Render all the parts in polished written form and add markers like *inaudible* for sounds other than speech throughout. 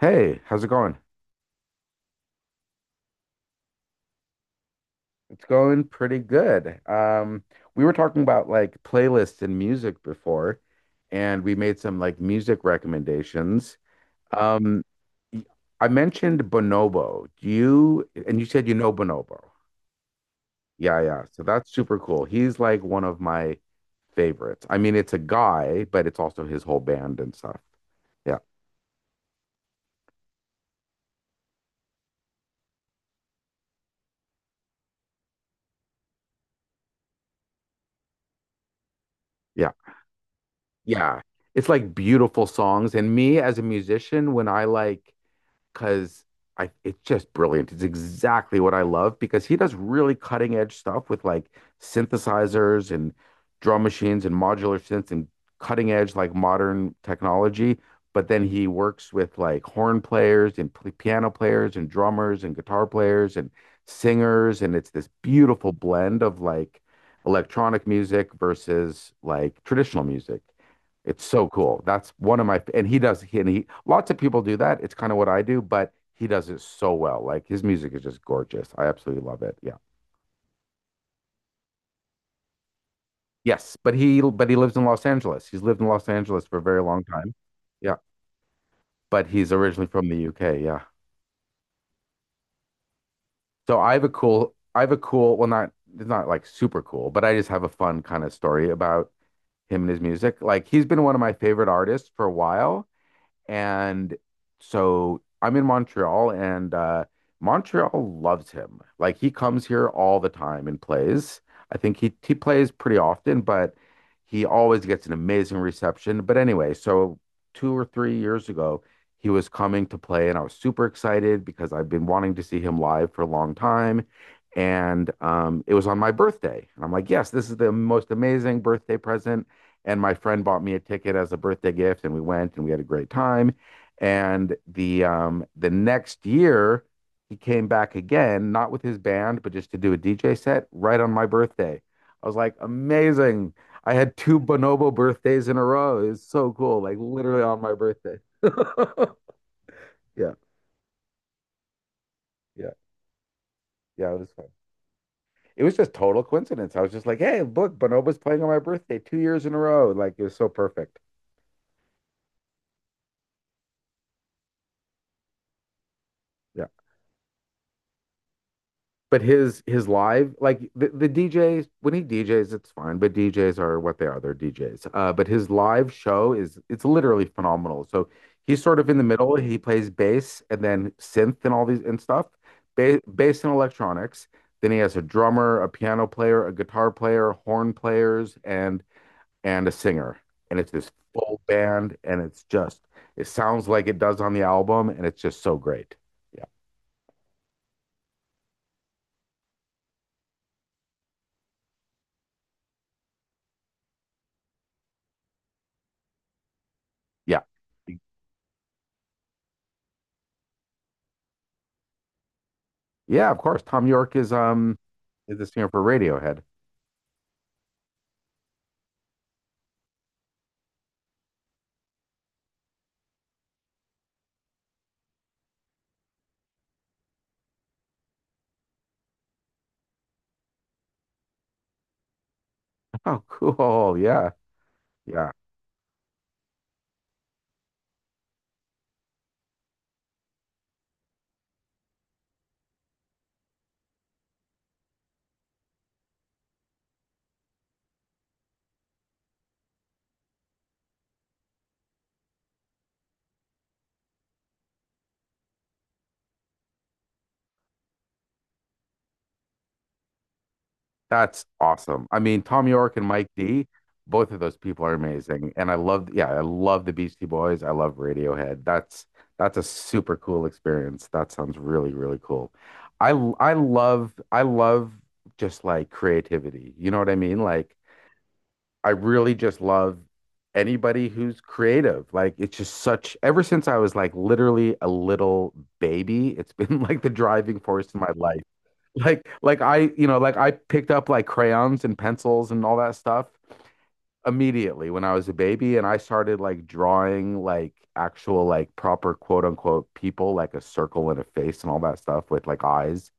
Hey, how's it going? It's going pretty good. We were talking about like playlists and music before, and we made some like music recommendations. Um, y- I mentioned Bonobo. And you said you know Bonobo. Yeah, yeah. So that's super cool. He's like one of my favorites. I mean, it's a guy, but it's also his whole band and stuff. Yeah, yeah, yeah. It's like beautiful songs. And me as a musician, when I like, because I it's just brilliant. It's exactly what I love because he does really cutting edge stuff with like synthesizers and drum machines and modular synths and cutting edge like modern technology. But then he works with like horn players and p piano players and drummers and guitar players and singers. And it's this beautiful blend of like electronic music versus like traditional music. It's so cool. That's one of my, and he does, he, and he, Lots of people do that. It's kind of what I do, but he does it so well. Like his music is just gorgeous. I absolutely love it. Yeah. Yes, but he lives in Los Angeles. He's lived in Los Angeles for a very long time. Yeah, but he's originally from the UK. Yeah. So I have a cool, I have a cool, well, not, it's not like super cool, but I just have a fun kind of story about him and his music. Like he's been one of my favorite artists for a while. And so I'm in Montreal, and Montreal loves him. Like he comes here all the time and plays. I think he plays pretty often, but he always gets an amazing reception. But anyway, so two or three years ago, he was coming to play, and I was super excited because I've been wanting to see him live for a long time. And it was on my birthday, and I'm like, yes, this is the most amazing birthday present, and my friend bought me a ticket as a birthday gift, and we went and we had a great time. And the next year he came back again, not with his band, but just to do a DJ set right on my birthday. I was like, amazing. I had two Bonobo birthdays in a row. It was so cool, like literally on my birthday. *laughs* Yeah, yeah, yeah, it was fun. It was just total coincidence. I was just like, hey, look, Bonobo's playing on my birthday two years in a row. Like, it was so perfect. Yeah. But his live, like the DJs, when he DJs, it's fine, but DJs are what they are, they're DJs. But his live show is, it's literally phenomenal. So he's sort of in the middle. He plays bass and then synth and all these and stuff, ba bass and electronics. Then he has a drummer, a piano player, a guitar player, horn players, and a singer. And it's this full band, and it's just it sounds like it does on the album, and it's just so great. Yeah, yeah. Yeah, of course. Tom York is the singer for Radiohead. *laughs* Oh, cool. Yeah. Yeah. That's awesome. I mean, Tom York and Mike D, both of those people are amazing. And I love, yeah, I love the Beastie Boys. I love Radiohead. That's a super cool experience. That sounds really, really cool. I love, I love just like creativity. You know what I mean? Like I really just love anybody who's creative. Like it's just such, ever since I was like literally a little baby, it's *laughs* been like the driving force in my life. Like I, you know, like I picked up like crayons and pencils and all that stuff immediately when I was a baby, and I started like drawing like actual like proper quote unquote people, like a circle and a face and all that stuff with like eyes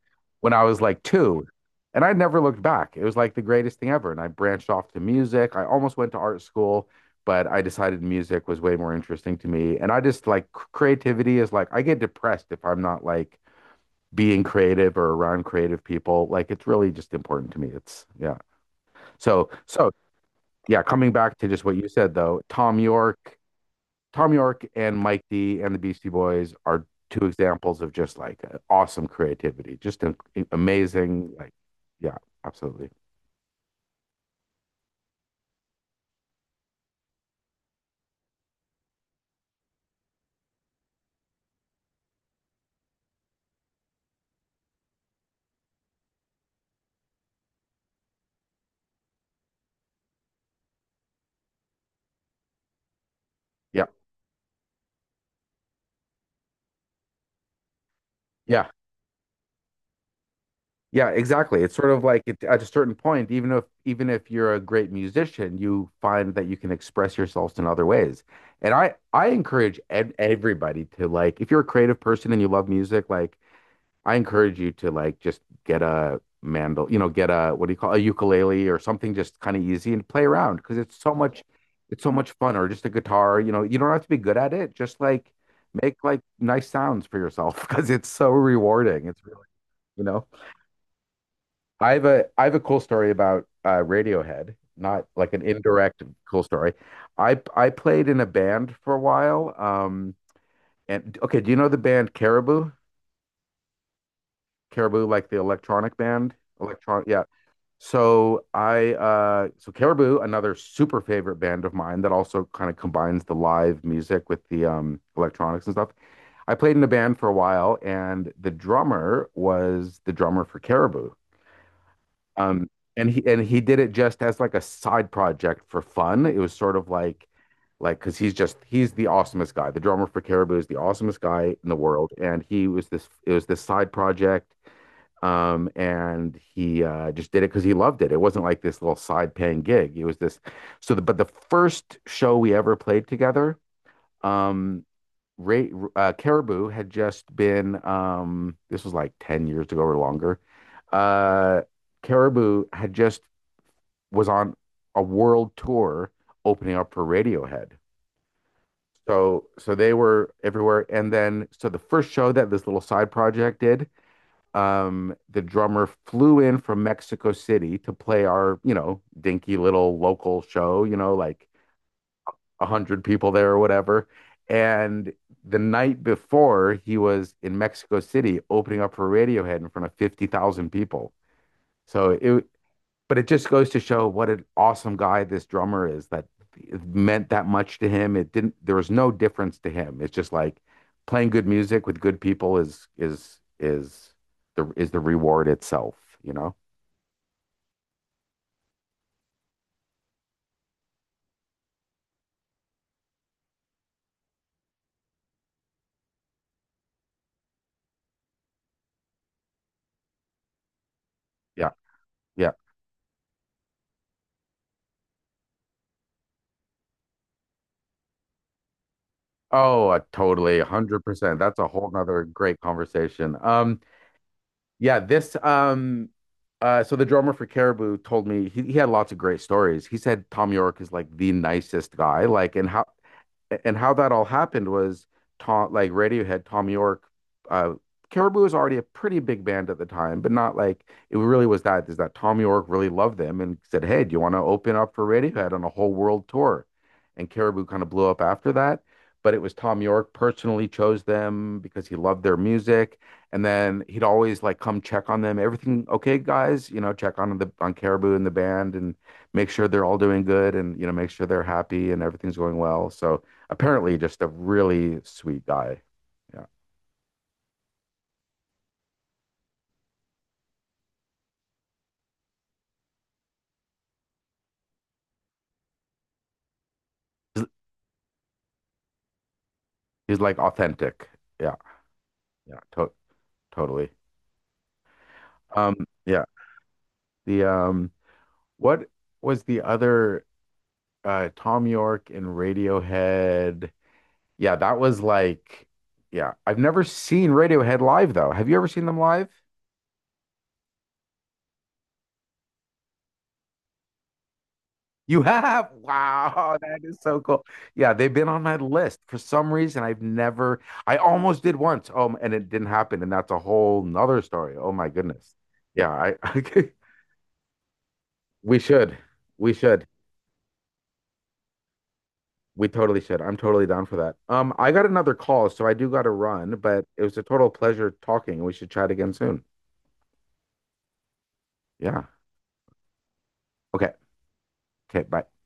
when I was like 2, and I never looked back. It was like the greatest thing ever, and I branched off to music. I almost went to art school, but I decided music was way more interesting to me, and I just like creativity is like I get depressed if I'm not like being creative or around creative people. Like it's really just important to me. It's yeah, so so yeah, coming back to just what you said though, Tom York, Tom York and Mike D and the Beastie Boys are two examples of just like awesome creativity, just an, amazing. Like, yeah, absolutely. Yeah, yeah, yeah, exactly. It's sort of like it, at a certain point, even if you're a great musician, you find that you can express yourselves in other ways. And I encourage everybody to like, if you're a creative person and you love music, like I encourage you to like just get a mandol, you know, get a what do you call a ukulele or something, just kind of easy, and play around because it's so much, it's so much fun. Or just a guitar, you know, you don't have to be good at it, just like make like nice sounds for yourself *laughs* because it's so rewarding. It's really, you know. I have a cool story about Radiohead, not like an indirect cool story. I played in a band for a while. And okay, do you know the band Caribou? Caribou, like the electronic band? Yeah. So Caribou, another super favorite band of mine that also kind of combines the live music with the electronics and stuff. I played in a band for a while, and the drummer was the drummer for Caribou. Um, and he did it just as like a side project for fun. It was sort of like because he's just he's the awesomest guy. The drummer for Caribou is the awesomest guy in the world, and he was this it was this side project. And he just did it because he loved it. It wasn't like this little side paying gig. It was this. But the first show we ever played together, um, Caribou had just been, this was like 10 years ago or longer. Uh, Caribou had just was on a world tour opening up for Radiohead. So, so they were everywhere. And then, so the first show that this little side project did, the drummer flew in from Mexico City to play our, you know, dinky little local show, you know, like 100 people there or whatever. And the night before, he was in Mexico City opening up for Radiohead in front of 50,000 people. So it, but it just goes to show what an awesome guy this drummer is, that it meant that much to him. It didn't, there was no difference to him. It's just like playing good music with good people is is the reward itself, you know? Yeah. Yeah. Oh, totally. 100%. That's a whole nother great conversation. Yeah, this so the drummer for Caribou told me he had lots of great stories. He said Tom York is like the nicest guy, like. And how, that all happened was, Tom, like Radiohead, Tom York, uh, Caribou was already a pretty big band at the time, but not like it really was that. Is that Tom York really loved them and said, "Hey, do you want to open up for Radiohead on a whole world tour?" And Caribou kind of blew up after that. But it was Tom York personally chose them because he loved their music, and then he'd always like come check on them. Everything okay, guys? You know, check on the on Caribou and the band and make sure they're all doing good, and you know, make sure they're happy and everything's going well. So apparently just a really sweet guy. Yeah. He's, he's like authentic. Yeah. Yeah. Totally. Um, yeah. The what was the other Tom York in Radiohead? Yeah, that was like yeah. I've never seen Radiohead live though. Have you ever seen them live? You have? *laughs* Wow, that is so cool. Yeah, they've been on my list for some reason. I've never, I almost did once. And it didn't happen. And that's a whole nother story. Oh my goodness. Yeah, I, *laughs* we should. We should. We totally should. I'm totally down for that. I got another call, so I do got to run, but it was a total pleasure talking. We should chat again soon. Yeah. Okay. Okay. Bye.